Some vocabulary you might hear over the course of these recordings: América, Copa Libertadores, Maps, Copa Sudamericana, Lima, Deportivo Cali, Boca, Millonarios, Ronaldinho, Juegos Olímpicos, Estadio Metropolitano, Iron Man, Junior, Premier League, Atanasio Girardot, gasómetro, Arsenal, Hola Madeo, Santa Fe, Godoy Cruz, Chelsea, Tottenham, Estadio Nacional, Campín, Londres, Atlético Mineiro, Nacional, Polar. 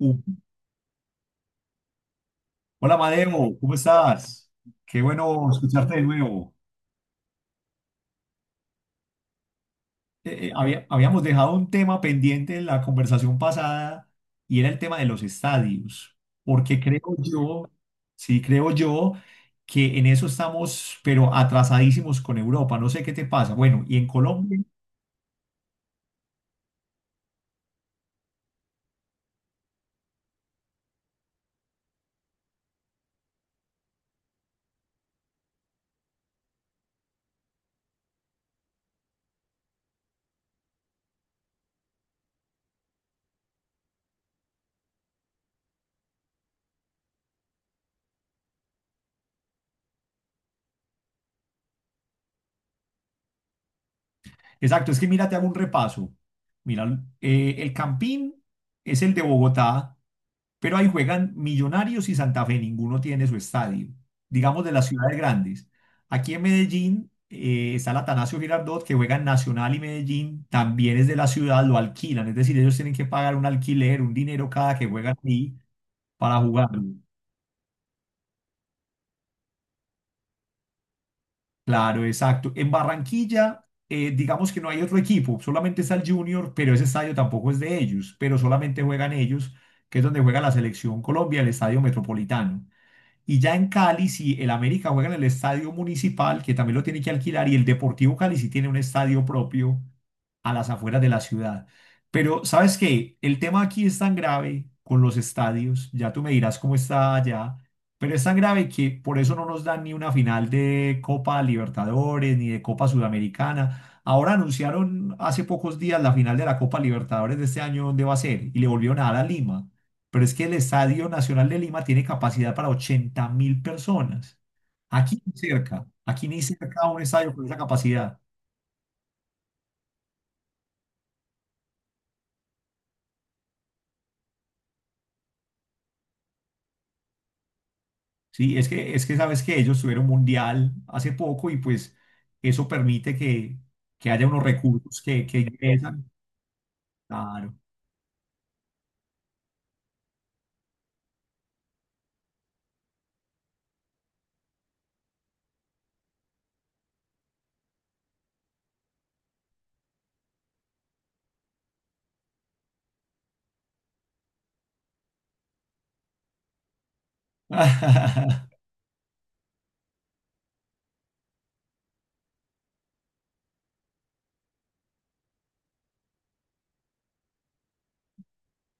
Uh, Hola Madeo, ¿cómo estás? Qué bueno escucharte de nuevo. Habíamos dejado un tema pendiente en la conversación pasada y era el tema de los estadios, porque creo yo, sí, creo yo que en eso estamos, pero atrasadísimos con Europa, no sé qué te pasa. Bueno, y en Colombia, exacto, es que mira, te hago un repaso. Mira, el Campín es el de Bogotá, pero ahí juegan Millonarios y Santa Fe, ninguno tiene su estadio, digamos de las ciudades grandes. Aquí en Medellín está el Atanasio Girardot, que juega en Nacional y Medellín, también es de la ciudad, lo alquilan, es decir, ellos tienen que pagar un alquiler, un dinero cada que juegan ahí para jugar. Claro, exacto. En Barranquilla, digamos que no hay otro equipo, solamente está el Junior, pero ese estadio tampoco es de ellos, pero solamente juegan ellos, que es donde juega la selección Colombia, el Estadio Metropolitano. Y ya en Cali, si el América juega en el estadio municipal, que también lo tiene que alquilar, y el Deportivo Cali sí tiene un estadio propio a las afueras de la ciudad. Pero, ¿sabes qué? El tema aquí es tan grave con los estadios, ya tú me dirás cómo está allá, pero es tan grave que por eso no nos dan ni una final de Copa Libertadores ni de Copa Sudamericana. Ahora anunciaron hace pocos días la final de la Copa Libertadores de este año, ¿dónde va a ser? Y le volvieron a dar a Lima. Pero es que el Estadio Nacional de Lima tiene capacidad para 80.000 personas. Aquí ni cerca a un estadio con esa capacidad. Sí, es que sabes que ellos tuvieron mundial hace poco y pues eso permite que haya unos recursos que ingresan. Claro.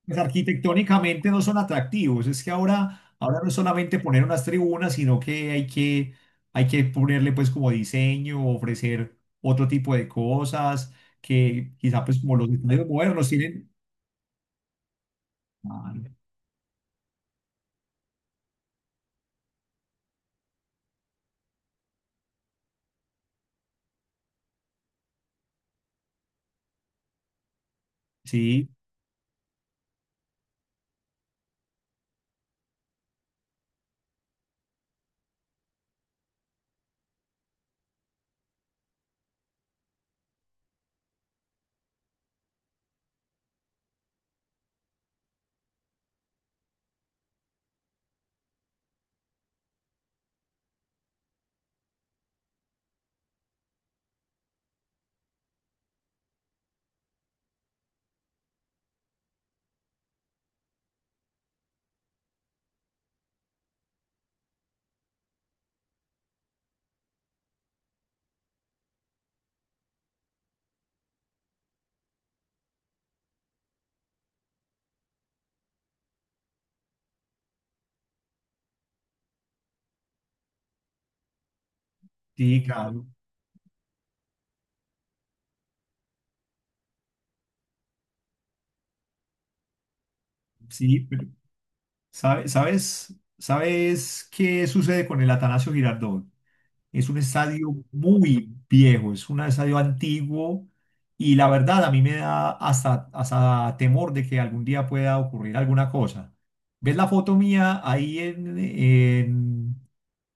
Pues arquitectónicamente no son atractivos. Es que ahora, ahora no es solamente poner unas tribunas, sino que hay que, hay que ponerle pues como diseño, ofrecer otro tipo de cosas, que quizá pues como los estadios modernos tienen. Ah, sí, sí, claro. Sí, pero ¿sabes, sabes qué sucede con el Atanasio Girardot? Es un estadio muy viejo, es un estadio antiguo y la verdad a mí me da hasta, hasta temor de que algún día pueda ocurrir alguna cosa. ¿Ves la foto mía ahí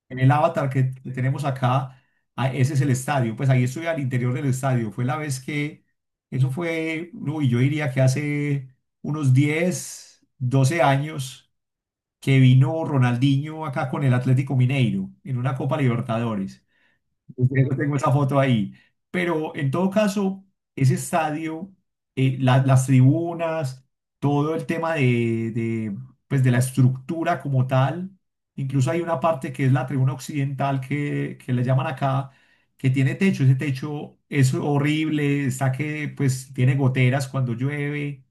en el avatar que tenemos acá? Ah, ese es el estadio, pues ahí estoy al interior del estadio. Fue la vez que, eso fue, uy, yo diría que hace unos 10, 12 años que vino Ronaldinho acá con el Atlético Mineiro en una Copa Libertadores. Yo tengo esa foto ahí. Pero en todo caso, ese estadio, las tribunas, todo el tema de, pues de la estructura como tal, incluso hay una parte que es la tribuna occidental que le llaman acá, que tiene techo. Ese techo es horrible, está que pues tiene goteras cuando llueve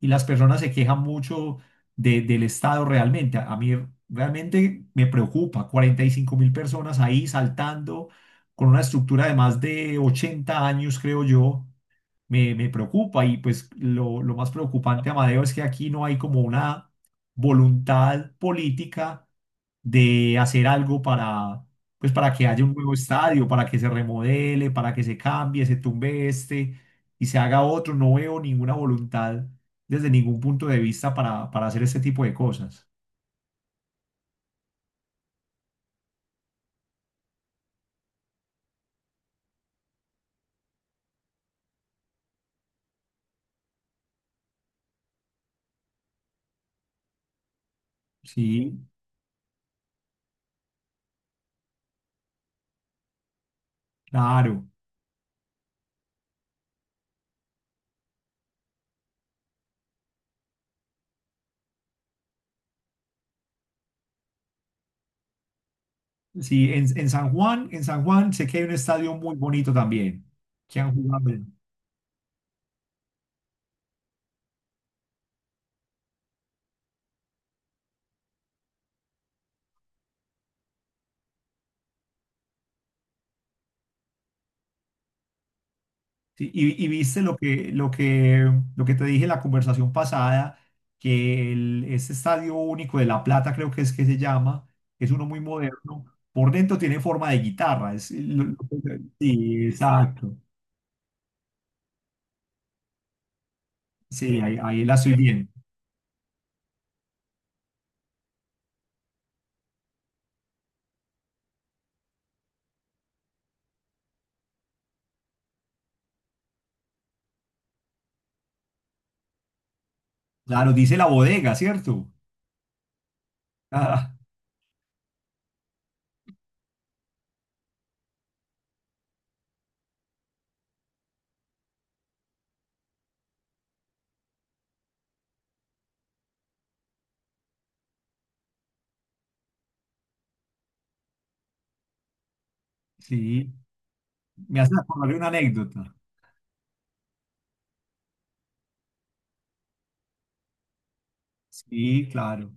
y las personas se quejan mucho del estado realmente. A mí realmente me preocupa, 45 mil personas ahí saltando con una estructura de más de 80 años, creo yo, me preocupa. Y pues lo más preocupante, Amadeo, es que aquí no hay como una voluntad política de hacer algo para, pues para que haya un nuevo estadio, para que se remodele, para que se cambie, se tumbe este y se haga otro. No veo ninguna voluntad desde ningún punto de vista para hacer este tipo de cosas. Sí, claro. Sí, en San Juan sé que hay un estadio muy bonito también, que han jugado. Sí, y viste lo que, lo que, lo que te dije en la conversación pasada, que el, ese estadio único de La Plata creo que es que se llama, es uno muy moderno, por dentro tiene forma de guitarra. Lo sí, exacto. Sí, ahí, ahí la estoy viendo. Claro, dice la bodega, ¿cierto? Ah, sí, me hace acordar de una anécdota. Sí, claro.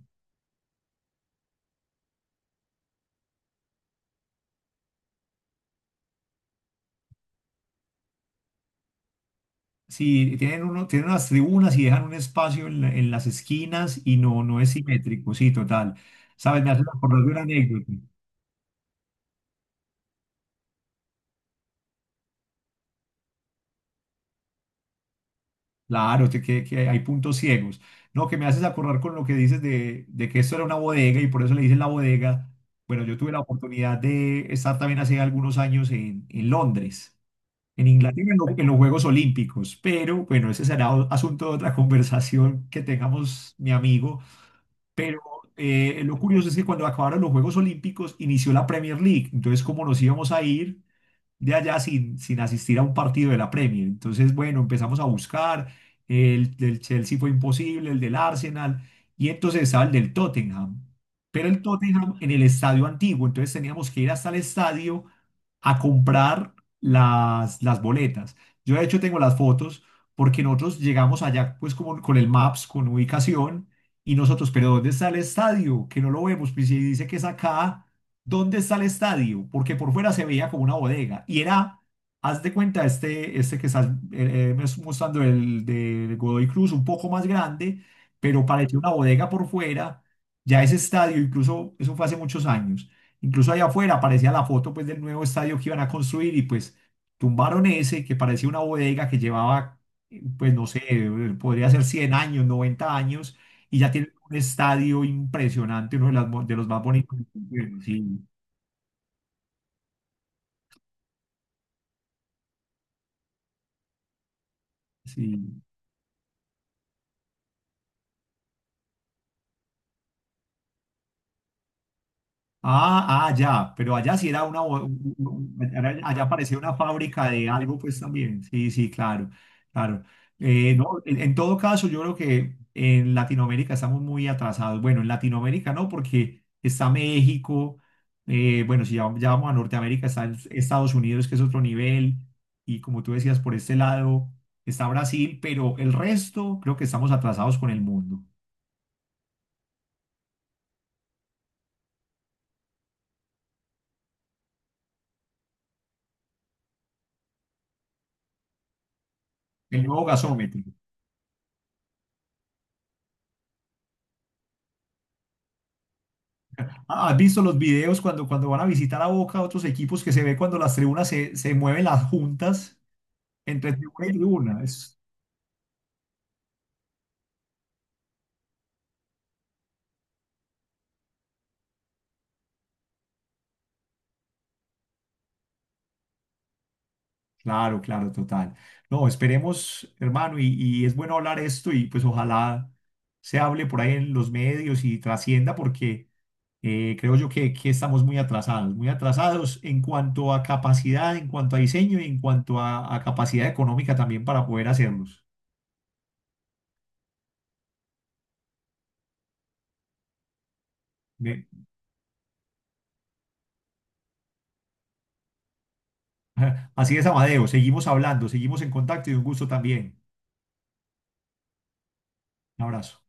Sí, tienen, uno, tienen unas tribunas y dejan un espacio en las esquinas y no, no es simétrico, sí, total. ¿Sabes? Me haces acordar de una anécdota. Claro, te- que hay puntos ciegos. No, que me haces acordar con lo que dices de que esto era una bodega y por eso le dicen la bodega. Bueno, yo tuve la oportunidad de estar también hace algunos años en Londres, en Inglaterra, en los Juegos Olímpicos. Pero bueno, ese será asunto de otra conversación que tengamos, mi amigo. Pero lo curioso es que cuando acabaron los Juegos Olímpicos inició la Premier League. Entonces, ¿cómo nos íbamos a ir? De allá sin, sin asistir a un partido de la Premier. Entonces, bueno, empezamos a buscar, el del Chelsea fue imposible, el del Arsenal, y entonces estaba el del Tottenham, pero el Tottenham en el estadio antiguo, entonces teníamos que ir hasta el estadio a comprar las boletas. Yo de hecho tengo las fotos porque nosotros llegamos allá pues como con el Maps, con ubicación, y nosotros, pero ¿dónde está el estadio? Que no lo vemos, pues si dice que es acá. ¿Dónde está el estadio? Porque por fuera se veía como una bodega. Y era, haz de cuenta, este que estás, me estás mostrando, el de Godoy Cruz, un poco más grande, pero parecía una bodega por fuera. Ya ese estadio, incluso, eso fue hace muchos años. Incluso allá afuera aparecía la foto pues, del nuevo estadio que iban a construir y pues tumbaron ese que parecía una bodega que llevaba, pues no sé, podría ser 100 años, 90 años y ya tiene un estadio impresionante, uno de los más bonitos. Sí. Sí. Ah, ah, ya, pero allá sí era una, allá parecía una fábrica de algo, pues también. Sí, sí, claro, claro. No, en todo caso, yo creo que en Latinoamérica estamos muy atrasados. Bueno, en Latinoamérica no, porque está México, bueno, si ya, ya vamos a Norteamérica, está el- Estados Unidos, que es otro nivel, y como tú decías, por este lado está Brasil, pero el resto creo que estamos atrasados con el mundo. El nuevo gasómetro. Ah, ¿has visto los videos cuando, cuando van a visitar a Boca otros equipos que se ve cuando las tribunas se, se mueven las juntas entre tribuna y tribuna? Es, claro, claro, total. No, esperemos, hermano, y es bueno hablar esto y pues ojalá se hable por ahí en los medios y trascienda porque creo yo que estamos muy atrasados en cuanto a capacidad, en cuanto a diseño y en cuanto a capacidad económica también para poder hacerlos. Bien. Así es, Amadeo, seguimos hablando, seguimos en contacto y un gusto también. Un abrazo.